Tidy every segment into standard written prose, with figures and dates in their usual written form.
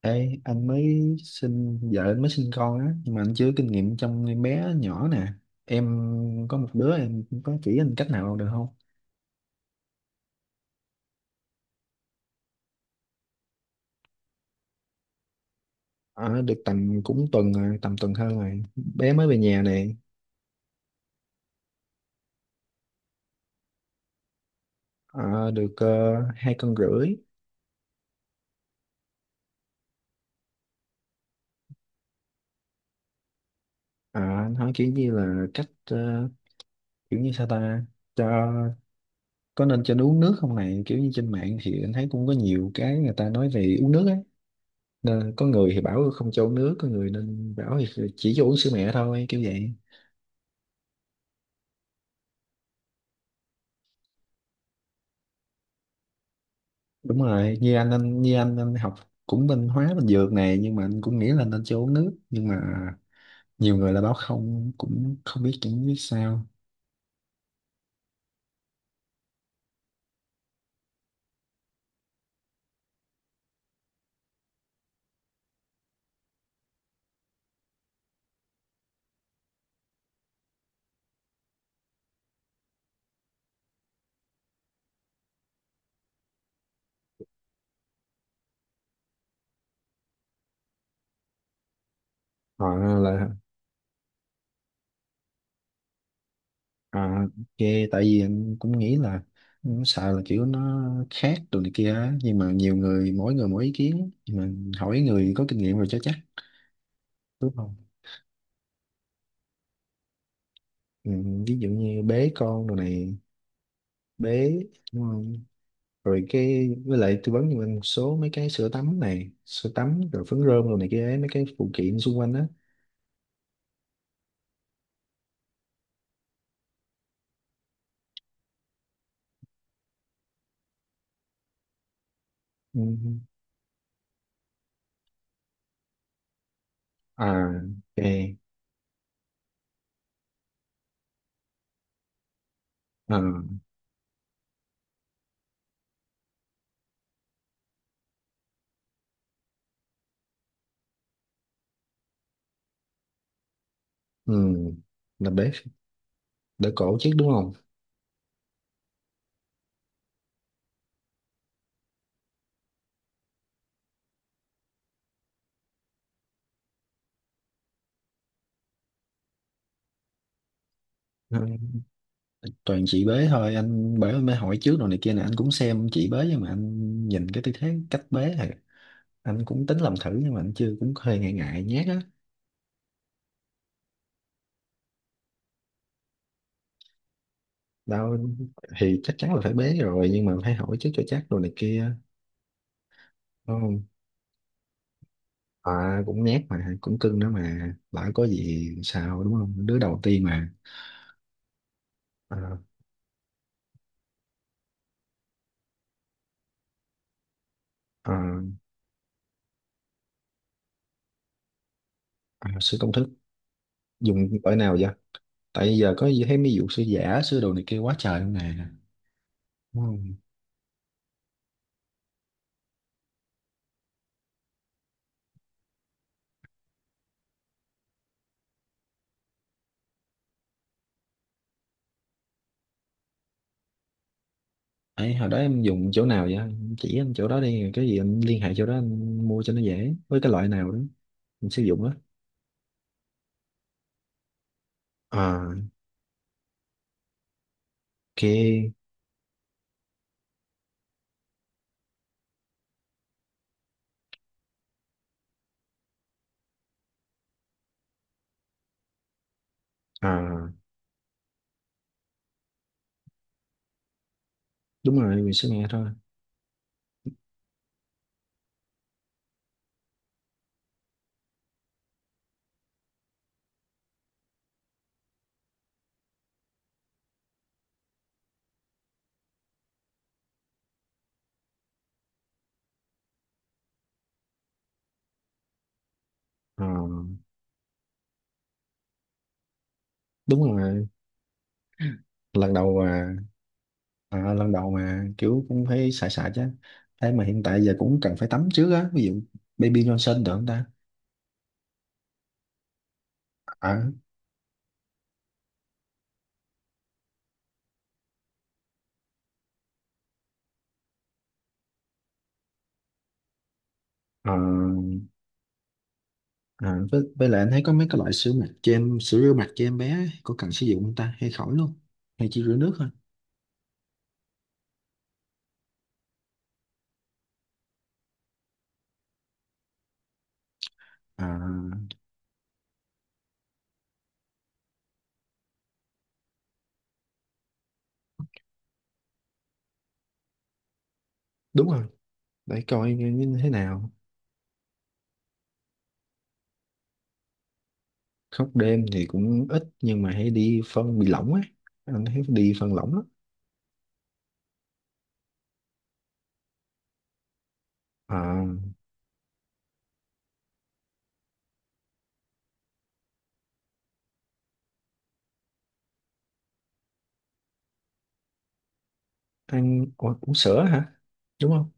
Ê, anh mới sinh vợ anh mới sinh con á, nhưng mà anh chưa có kinh nghiệm trong em bé nhỏ nè. Em có một đứa em, có chỉ anh cách nào được không? Ờ, được tầm cũng tuần rồi, tầm tuần hơn rồi, bé mới về nhà nè. Ờ, được hai cân rưỡi. Ờ, anh hỏi kiểu như là kiểu như sao ta, cho có nên cho nó uống nước không này, kiểu như trên mạng thì anh thấy cũng có nhiều cái người ta nói về uống nước á. Nên có người thì bảo không cho uống nước, có người nên bảo thì chỉ cho uống sữa mẹ thôi kiểu vậy. Đúng rồi, như anh học cũng bên hóa bên dược này, nhưng mà anh cũng nghĩ là nên cho uống nước, nhưng mà nhiều người là báo không, cũng không biết, chẳng biết sao. Họ là à, ok, tại vì anh cũng nghĩ là cũng sợ là kiểu nó khác đồ này kia á. Nhưng mà nhiều người mỗi ý kiến, nhưng mà hỏi người có kinh nghiệm rồi cho chắc, đúng không? Ừ, ví dụ như bế con đồ này, bế, rồi cái với lại tư vấn cho mình một số mấy cái sữa tắm này, sữa tắm rồi phấn rôm rồi này kia ấy, mấy cái phụ kiện xung quanh á. Ừ. À, ok. À. Ừ. Là bế đỡ cổ chứ, đúng không? Ừ, toàn chị bế thôi anh, bởi mới hỏi trước rồi này kia nè, anh cũng xem chị bế, nhưng mà anh nhìn cái tư thế cách bế thì anh cũng tính làm thử, nhưng mà anh chưa, cũng hơi ngại ngại nhát á. Đâu, thì chắc chắn là phải bế rồi, nhưng mà phải hỏi trước cho chắc rồi này kia. Ừ. À, cũng nhát mà cũng cưng nữa, mà lỡ có gì sao, đúng không, đứa đầu tiên mà. À. À. À, sửa công thức dùng cỡ nào vậy? Tại giờ có gì thấy mấy vụ sửa giả sửa đồ này kia quá trời luôn nè, đúng không? Ấy, hồi đó em dùng chỗ nào vậy? Em chỉ anh chỗ đó đi, cái gì em liên hệ chỗ đó anh mua cho nó dễ, với cái loại nào đó mình sử dụng đó. À. Ok. À. Đúng rồi, mình sẽ nghe thôi. À. Đúng rồi. Lần đầu à. À, lần đầu mà kiểu cũng phải xài xài chứ, thế mà hiện tại giờ cũng cần phải tắm trước á, ví dụ Baby Johnson được không ta? À. À. À, với lại anh thấy có mấy cái loại sữa rửa mặt cho em bé ấy, có cần sử dụng không ta hay khỏi luôn, hay chỉ rửa nước thôi? À. Đúng rồi, để coi như như thế nào. Khóc đêm thì cũng ít, nhưng mà hay đi phân bị lỏng á, anh thấy đi phân lỏng á. À, uống sữa hả, đúng không?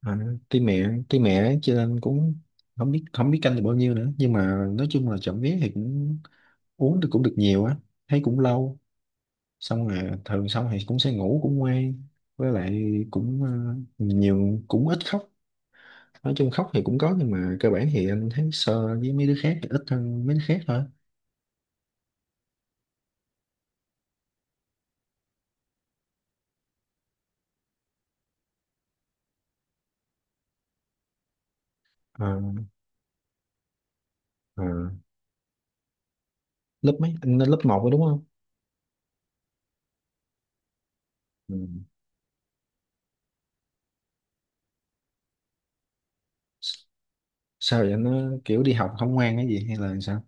À, tuy mẹ cho nên cũng không biết canh được bao nhiêu nữa, nhưng mà nói chung là chậm vía thì cũng uống được, cũng được nhiều á, thấy cũng lâu. Xong rồi thường xong thì cũng sẽ ngủ cũng ngoan. Với lại cũng nhiều, cũng ít khóc. Nói chung khóc thì cũng có, nhưng mà cơ bản thì anh thấy so với mấy đứa khác thì ít hơn mấy đứa khác thôi. Ờ. Ờ. Lớp mấy anh, lên lớp 1 rồi đúng không? Ừ. S- Sao vậy, nó kiểu đi học không ngoan cái gì hay là sao?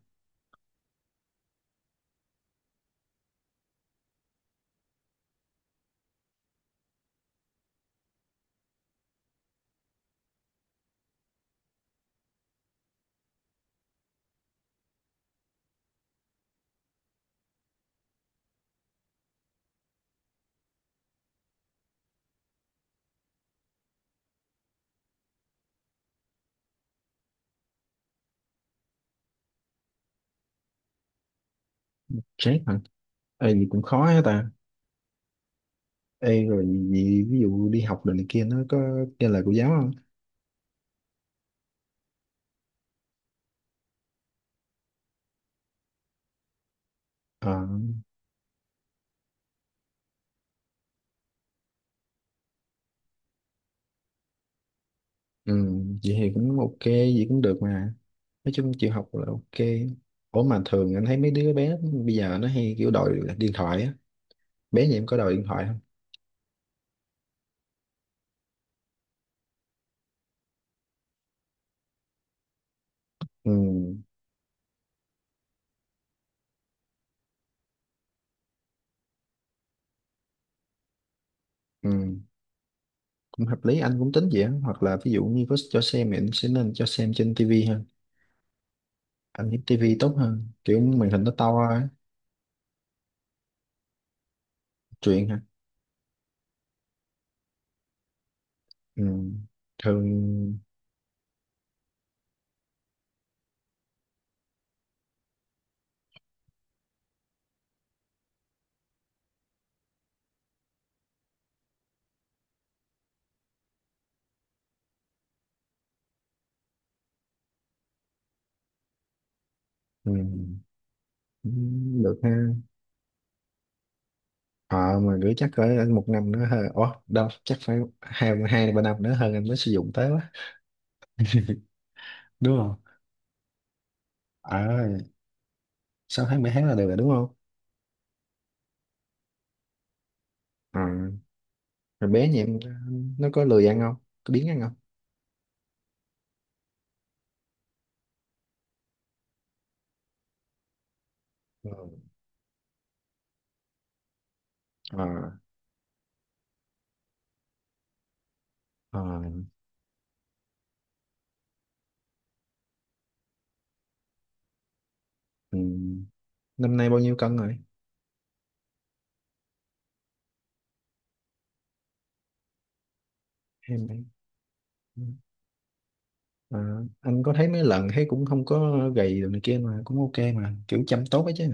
Stress hả? Ê, gì cũng khó hết ta. Ê, rồi gì, ví dụ đi học đồ này kia nó có kia lời của giáo không? Ờ. Ừ, vậy thì cũng ok, vậy cũng được mà. Nói chung chịu học là ok. Ủa mà thường anh thấy mấy đứa bé bây giờ nó hay kiểu đòi điện thoại á. Bé nhà em có đòi điện thoại không? Ừ. Ừ, cũng hợp lý, anh cũng tính vậy á. Hoặc là ví dụ như có cho xem thì anh sẽ nên cho xem trên tivi hơn. Anh nghĩ tivi tốt hơn, kiểu màn hình nó to á. Truyền hả? Ừ. Thường. Ừ. Cũng được ha. Ờ, mà gửi chắc cỡ một năm nữa hơn. Ủa, đâu chắc phải hai, hai ba năm nữa hơn anh mới sử dụng tới quá, đúng không? Ờ, 6 tháng 7 tháng là được rồi đúng không? Ờ. Rồi bé nhà em nó có lười ăn không, có biếng ăn không? Ừ. Ờ. Ờ. Ừ. Năm nay bao nhiêu cân rồi? em ờ, anh có thấy mấy lần thấy cũng không có gầy đồ này kia mà, cũng ok mà, kiểu chăm tốt ấy chứ.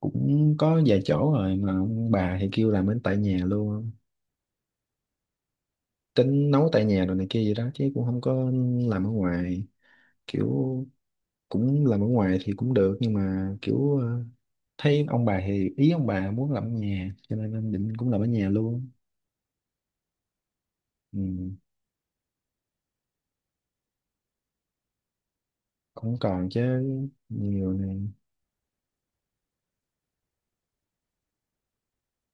Cũng có vài chỗ rồi mà ông bà thì kêu làm bên tại nhà luôn á. Tính nấu tại nhà rồi này kia gì đó, chứ cũng không có làm ở ngoài. Kiểu cũng làm ở ngoài thì cũng được, nhưng mà kiểu ờ, thấy ông bà thì ý ông bà muốn làm ở nhà, cho nên anh định cũng làm ở nhà luôn. Ừ. Cũng còn chứ, nhiều này.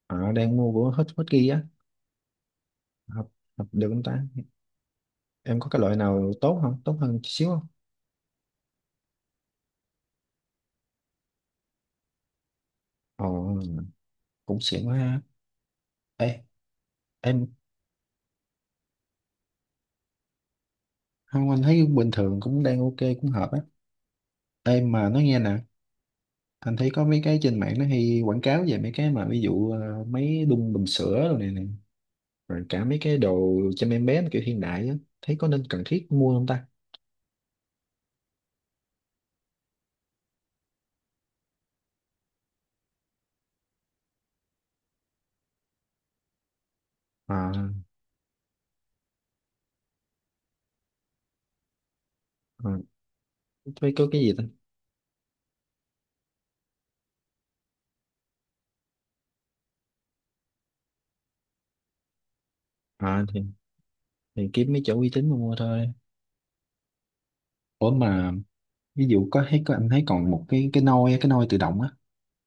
Họ đang mua của hết hết kia á. Hợp, hợp được không ta? Em có cái loại nào tốt không, tốt hơn chút xíu không? Ồ, cũng xịn quá ha. Ê. Em. Không, anh thấy bình thường cũng đang ok, cũng hợp á. Em mà nói nghe nè, anh thấy có mấy cái trên mạng nó hay quảng cáo về mấy cái mà ví dụ mấy đun bình sữa rồi này, này, rồi cả mấy cái đồ chăm em bé mà kiểu hiện đại á, thấy có nên cần thiết mua không ta? À. À, thấy có cái gì ta. À, thì kiếm mấy chỗ uy tín mà mua thôi. Ủa mà ví dụ có thấy có anh thấy còn một cái nôi á, cái nôi tự động á,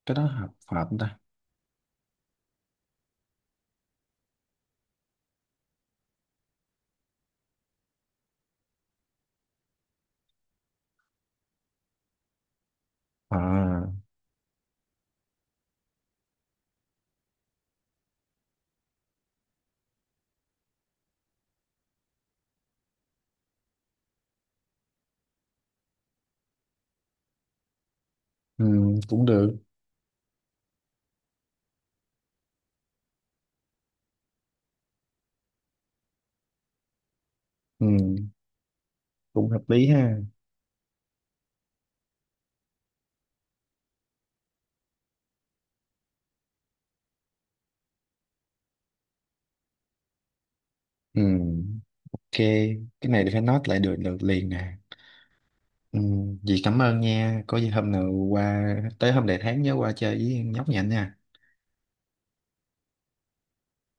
cái đó hợp hợp không ta? À. Ừ, cũng được. Ừ, cũng hợp lý ha. Ừ, ok. Cái này thì phải note lại, được được liền nè. Ừ, dì cảm ơn nha. Có gì hôm nào qua tới hôm đại tháng nhớ qua chơi với nhóc nhạnh nha.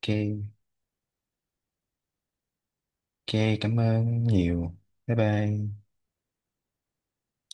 Ok. Ok, cảm ơn nhiều. Bye bye.